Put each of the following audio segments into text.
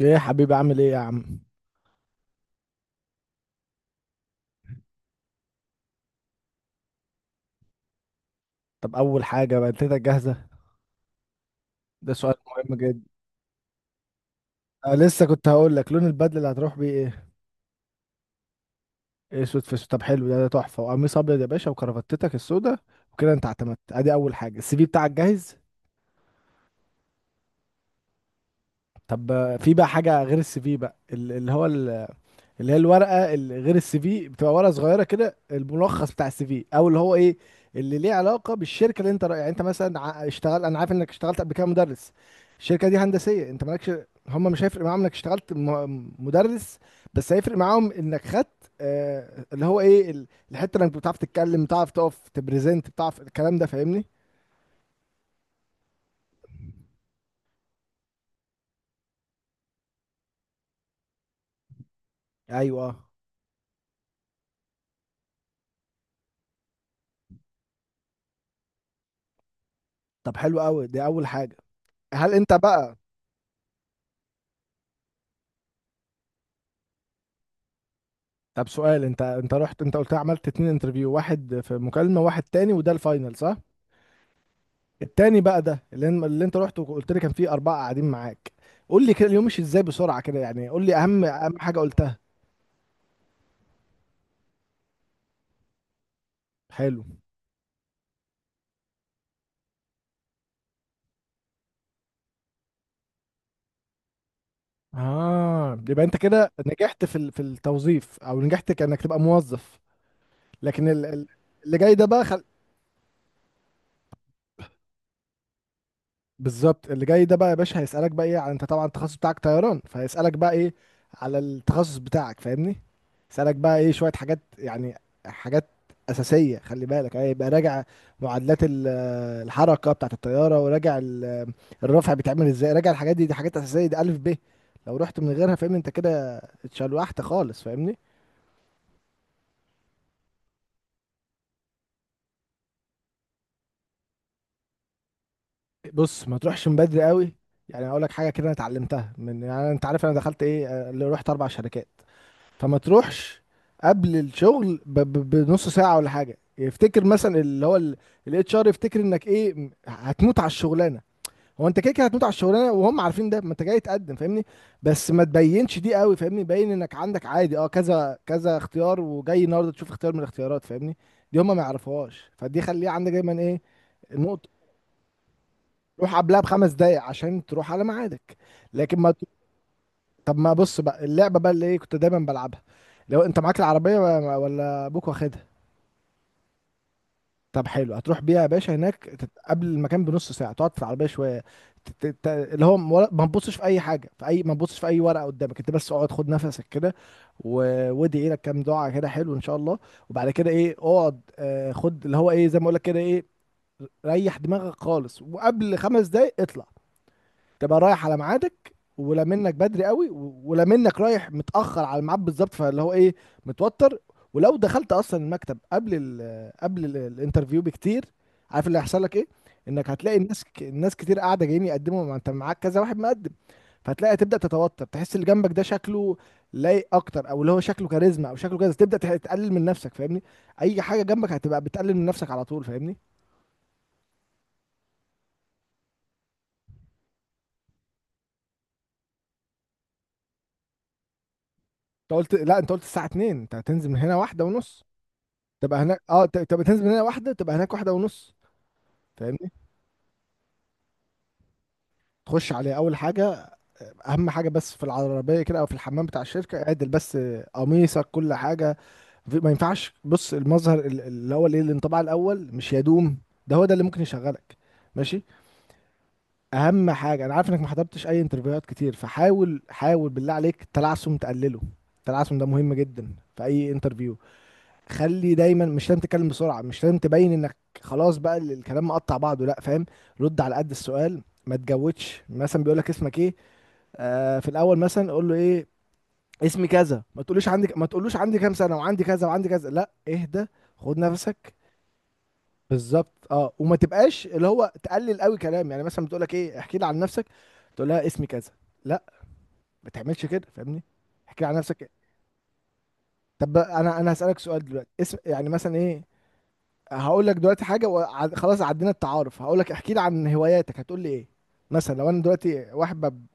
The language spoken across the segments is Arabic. ايه يا حبيبي عامل ايه يا عم؟ طب اول حاجه، بنتك جاهزه؟ ده سؤال مهم جدا. أه، لسه كنت هقول لك، لون البدله اللي هتروح بيه ايه؟ إيه، اسود في اسود؟ طب حلو ده تحفه، وقميص ابيض يا باشا وكرافتتك السودا، وكده انت اعتمدت. ادي اول حاجه، السي في بتاعك جاهز. طب في بقى حاجه غير السي في بقى اللي هي الورقه، اللي غير السي في بتبقى ورقه صغيره كده، الملخص بتاع السي في، او اللي هو ايه اللي ليه علاقه بالشركه اللي يعني انت مثلا اشتغل، انا عارف انك اشتغلت قبل كده مدرس. الشركه دي هندسيه، انت مالكش. هم مش هيفرق معاهم انك اشتغلت مدرس، بس هيفرق معاهم انك خدت آه اللي هو ايه الحته، انك بتعرف تتكلم، بتعرف تقف تبريزنت، بتعرف الكلام ده. فاهمني؟ ايوه. طب حلو قوي، دي اول حاجه. هل انت بقى؟ طب سؤال، انت رحت، انت قلت عملت اتنين انترفيو، واحد في مكالمة، واحد تاني وده الفاينل، صح؟ التاني بقى ده اللي انت رحت وقلت لي كان فيه أربعة قاعدين معاك. قول لي كده، اليوم مشي ازاي بسرعة كده، يعني قول لي أهم حاجة قلتها. حلو. اه، يبقى انت كده نجحت في في التوظيف، او نجحت كأنك تبقى موظف، لكن اللي جاي ده بقى. بالظبط، اللي جاي ده بقى يا باشا هيسألك بقى ايه على، انت طبعا التخصص بتاعك طيران، فهيسألك بقى ايه على التخصص بتاعك، فاهمني؟ يسألك بقى ايه شوية حاجات يعني، حاجات أساسية. خلي بالك يعني، يبقى راجع معادلات الحركة بتاعة الطيارة، وراجع الرفع بيتعمل ازاي، راجع الحاجات دي، دي حاجات أساسية، دي ألف ب. لو رحت من غيرها فاهمني انت كده اتشلوحت خالص، فاهمني؟ بص، ما تروحش من بدري قوي. يعني اقول لك حاجه كده، انا اتعلمتها من، يعني انت عارف انا دخلت ايه، اللي رحت 4 شركات، فما تروحش قبل الشغل بنص ساعة ولا حاجة، يفتكر مثلا اللي هو الاتش ار، يفتكر انك ايه هتموت على الشغلانه. هو انت كده كده هتموت على الشغلانه، وهم عارفين ده، ما انت جاي تقدم، فاهمني؟ بس ما تبينش دي قوي، فاهمني؟ بين انك عندك عادي اه كذا كذا اختيار، وجاي النهارده تشوف اختيار من الاختيارات، فاهمني؟ دي هم ما يعرفوهاش، فدي خليها عندك دايما ايه، نقطه. روح قبلها بخمس دقايق عشان تروح على ميعادك، لكن ما. طب ما بص بقى، اللعبه بقى اللي ايه كنت دايما بلعبها، لو انت معاك العربيه، ولا ابوك واخدها. طب حلو، هتروح بيها يا باشا هناك قبل المكان بنص ساعه، تقعد في العربيه شويه، اللي هو ما تبصش في اي حاجه، في اي ما تبصش في اي ورقه قدامك، انت بس اقعد خد نفسك كده، وادعي لك كام دعاء كده حلو ان شاء الله، وبعد كده ايه، اقعد خد اللي هو ايه، زي ما اقول لك كده ايه، ريح دماغك خالص، وقبل خمس دقايق اطلع. تبقى رايح على ميعادك، ولا منك بدري قوي، ولا منك رايح متأخر على الميعاد بالظبط، فاللي هو ايه، متوتر. ولو دخلت اصلا المكتب قبل ال الانترفيو بكتير، عارف اللي هيحصل لك ايه؟ انك هتلاقي الناس الناس كتير قاعده، جايين يقدموا، ما انت معاك كذا واحد مقدم، فهتلاقي تبدأ تتوتر، تحس اللي جنبك ده شكله لايق اكتر، او اللي هو شكله كاريزما، او شكله كذا، تبدأ تقلل من نفسك، فاهمني؟ اي حاجه جنبك هتبقى بتقلل من نفسك على طول، فاهمني؟ انت قلت لا، انت قلت الساعه 2 انت هتنزل من هنا واحدة ونص، تبقى هناك. اه تبقى تنزل من هنا واحده، تبقى هناك واحده ونص. فاهمني؟ تخش على اول حاجه، اهم حاجه، بس في العربيه كده او في الحمام بتاع الشركه اعدل بس قميصك، كل حاجه. ما ينفعش، بص، المظهر اللي هو الايه، الانطباع الاول مش يدوم، ده هو ده اللي ممكن يشغلك، ماشي؟ اهم حاجه، انا عارف انك ما حضرتش اي انترفيوهات كتير، فحاول بالله عليك التلعثم تقلله، التلعثم ده مهم جدا في اي انترفيو. خلي دايما، مش لازم تتكلم بسرعه، مش لازم تبين انك خلاص بقى الكلام مقطع بعضه، لا فاهم. رد على قد السؤال، ما تجودش. مثلا بيقول لك اسمك ايه، آه في الاول مثلا قول له ايه، اسمي كذا، ما تقولوش عندي، ما تقولوش عندي كام سنه وعندي كذا وعندي كذا، لا، اهدى، خد نفسك. بالظبط، اه. وما تبقاش اللي هو تقلل قوي كلام، يعني مثلا بتقول لك ايه، احكي لي عن نفسك، تقول لها اسمي كذا، لا، ما تعملش كده، فاهمني؟ احكي لي عن نفسك. طب انا هسالك سؤال دلوقتي، اسم يعني مثلا ايه، هقول لك دلوقتي حاجه، خلاص عدينا التعارف، هقول لك احكي لي عن هواياتك، هتقول لي ايه؟ مثلا لو انا دلوقتي واحد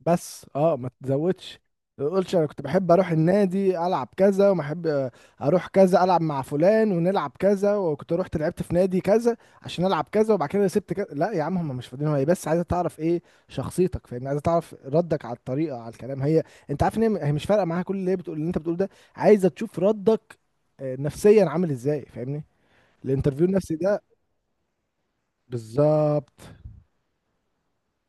بس اه ما تزودش، ما تقولش انا كنت بحب اروح النادي، العب كذا، وما احب اروح كذا، العب مع فلان، ونلعب كذا، وكنت رحت لعبت في نادي كذا عشان العب كذا، وبعد كده سبت كذا، لا يا عم هم مش فاضيين، هي بس عايزه تعرف ايه، شخصيتك، فاهمني؟ عايزه تعرف ردك على الطريقه، على الكلام، هي انت عارف ان هي مش فارقه معاها كل اللي هي بتقول، اللي انت بتقوله ده، عايزه تشوف ردك نفسيا عامل ازاي، فاهمني؟ الانترفيو النفسي ده. بالظبط.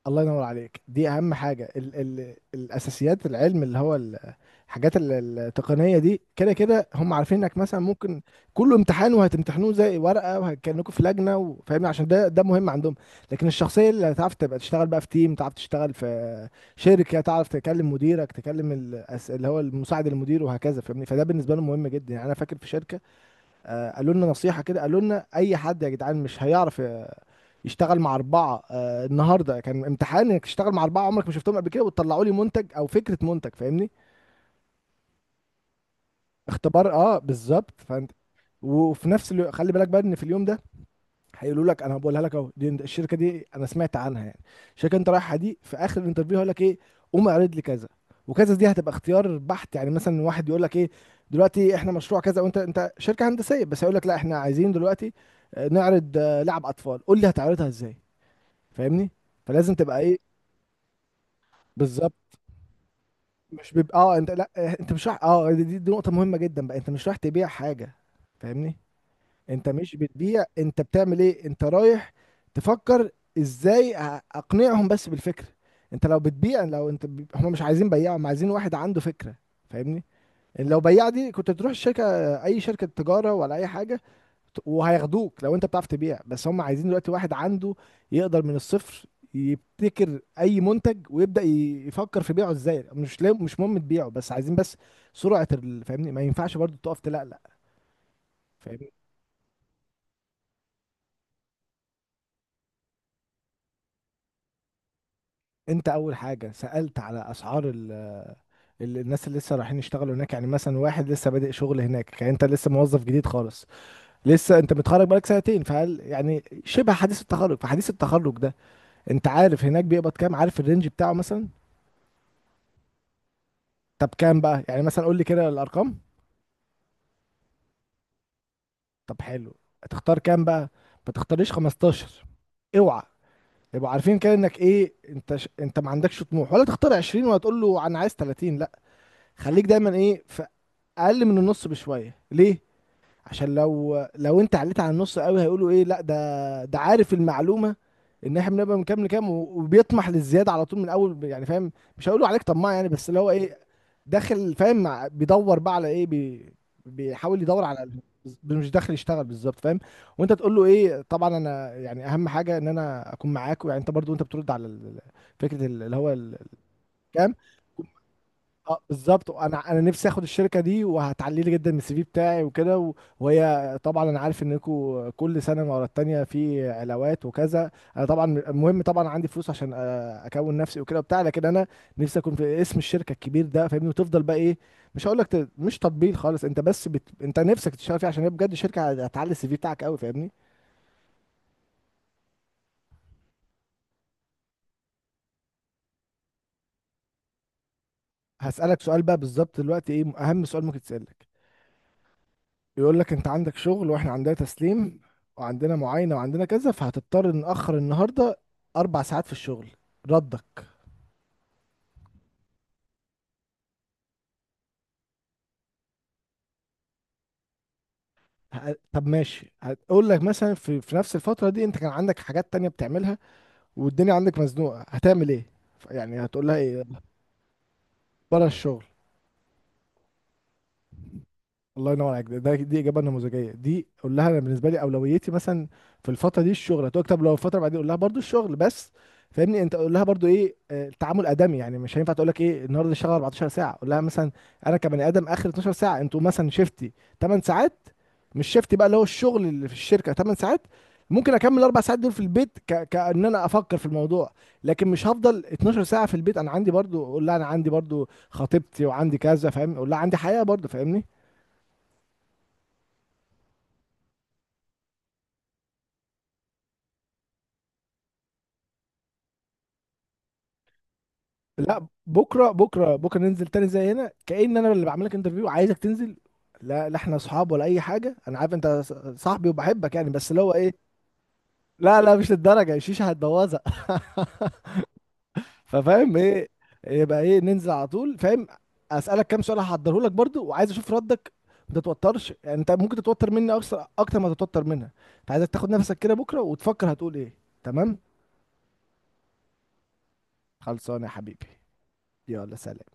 الله ينور عليك، دي اهم حاجه. ال الاساسيات، العلم اللي هو الحاجات التقنيه دي، كده كده هم عارفين انك مثلا ممكن، كله امتحان وهتمتحنوه زي ورقه، وهتكلمكم في لجنه، وفاهمني عشان ده ده مهم عندهم، لكن الشخصيه اللي هتعرف تبقى تشتغل بقى في تيم، تعرف تشتغل في شركه، تعرف تكلم مديرك، تكلم اللي هو المساعد المدير، وهكذا، فاهمني؟ فده بالنسبه لهم مهم جدا. يعني انا فاكر في شركه، قالوا لنا نصيحه كده، قالوا لنا اي حد يا جدعان مش هيعرف يشتغل مع 4، آه النهارده كان امتحان انك تشتغل مع 4 عمرك ما شفتهم قبل كده، وتطلعوا لي منتج او فكره منتج، فاهمني؟ اختبار، اه بالظبط. فانت وفي نفس الوقت خلي بالك بقى ان في اليوم ده هيقولوا لك، انا بقولها لك اهو، دي الشركه، دي انا سمعت عنها يعني، الشركه انت رايحها دي، في اخر الانترفيو هيقول لك ايه، قوم اعرض لي كذا وكذا، دي هتبقى اختيار بحت، يعني مثلا واحد يقول لك ايه، دلوقتي احنا مشروع كذا، وانت شركه هندسيه بس، هيقول لك لا، احنا عايزين دلوقتي نعرض لعب اطفال، قول لي هتعرضها ازاي، فاهمني؟ فلازم تبقى ايه. بالظبط. مش بيبقى اه انت لا، اه، انت مش رايح اه دي نقطة مهمة جدا بقى، انت مش رايح تبيع حاجة، فاهمني؟ انت مش بتبيع، انت بتعمل ايه، انت رايح تفكر ازاي اقنعهم بس بالفكرة. انت لو بتبيع، لو انت ب... هم مش عايزين بياع، هم عايزين واحد عنده فكرة، فاهمني؟ لو بياع دي كنت تروح الشركة، اي شركة تجارة ولا اي حاجة، وهياخدوك لو انت بتعرف تبيع. بس هم عايزين دلوقتي واحد عنده، يقدر من الصفر يبتكر اي منتج، ويبدأ يفكر في بيعه ازاي، مش مش مهم تبيعه، بس عايزين بس سرعة فاهمني؟ ما ينفعش برضو تقف تلقلق، فاهمني؟ انت اول حاجة سألت على اسعار الناس اللي لسه رايحين يشتغلوا هناك، يعني مثلا واحد لسه بادئ شغل هناك، يعني انت لسه موظف جديد خالص، لسه انت متخرج بقالك سنتين، فهل يعني شبه حديث التخرج، فحديث التخرج ده انت عارف هناك بيقبض كام، عارف الرينج بتاعه مثلا. طب كام بقى، يعني مثلا قول لي كده الارقام. طب حلو، هتختار كام بقى؟ ما تختاريش 15، اوعى، يبقوا عارفين كده انك ايه، انت ش... انت ما عندكش طموح، ولا تختار 20، ولا تقول له انا عايز 30، لا، خليك دايما ايه، في اقل من النص بشويه. ليه؟ عشان لو انت عليت على النص قوي، هيقولوا ايه، لا ده ده عارف المعلومه ان احنا بنبقى من كام لكام، وبيطمح للزياده على طول من اول، يعني فاهم؟ مش هيقولوا عليك طماع يعني، بس اللي هو ايه، داخل فاهم، بيدور بقى على ايه، بي، بيحاول يدور على، مش داخل يشتغل، بالظبط، فاهم؟ وانت تقول له ايه، طبعا انا يعني اهم حاجه ان انا اكون معاك، يعني انت برضو انت بترد على فكره اللي هو الكام. اه بالظبط، انا نفسي اخد الشركه دي، وهتعلي لي جدا من السي في بتاعي، وكده وهي طبعا، انا عارف انكم كل سنه ورا التانيه في علاوات وكذا، انا طبعا المهم طبعا عندي فلوس عشان اكون نفسي وكده وبتاع، لكن انا نفسي اكون في اسم الشركه الكبير ده، فاهمني؟ وتفضل بقى ايه، مش هقول لك مش تطبيل خالص، انت بس بت... انت نفسك تشتغل فيها عشان هي بجد شركه هتعلي السي في بتاعك قوي، فاهمني؟ هسالك سؤال بقى بالظبط دلوقتي، ايه اهم سؤال ممكن تسالك، يقول لك انت عندك شغل، واحنا عندنا تسليم، وعندنا معاينة، وعندنا كذا، فهتضطر نأخر النهاردة 4 ساعات في الشغل، ردك؟ ه- طب ماشي، هقول لك مثلا في نفس الفترة دي انت كان عندك حاجات تانية بتعملها، والدنيا عندك مزنوقة، هتعمل ايه؟ يعني هتقول لها ايه؟ بره الشغل. الله ينور عليك، ده دي اجابه نموذجيه، دي قول لها انا بالنسبه لي اولويتي مثلا في الفتره دي الشغل، هتقول لك طب لو الفتره بعدين، قول لها برضو الشغل، بس فاهمني، انت قول لها برضو ايه، التعامل ادمي، يعني مش هينفع تقول لك ايه النهارده اشتغل 14 ساعه، قول لها مثلا انا كبني ادم اخر 12 ساعه انتوا مثلا شفتي 8 ساعات، مش شفتي بقى اللي هو الشغل اللي في الشركه 8 ساعات، ممكن اكمل الاربع ساعات دول في البيت، ك... كان انا افكر في الموضوع، لكن مش هفضل 12 ساعه في البيت، انا عندي برضو، قول لها انا عندي برضو خطيبتي وعندي كذا، فاهم؟ قول لها عندي حياه برضو، فاهمني؟ لا، بكره بكره ننزل تاني زي هنا، كأن انا اللي بعمل لك انترفيو، عايزك تنزل. لا احنا اصحاب ولا اي حاجه، انا عارف انت صاحبي وبحبك يعني، بس اللي هو ايه. لا مش للدرجه، الشيشه هتبوظها. ففاهم ايه؟ يبقى ايه، ننزل على طول، فاهم؟ اسالك كام سؤال هحضره لك برضو، وعايز اشوف ردك، ما تتوترش. يعني انت ممكن تتوتر مني اكتر ما تتوتر منها، فعايزك تاخد نفسك كده بكره وتفكر هتقول ايه. تمام؟ خلصانه يا حبيبي، يلا سلام.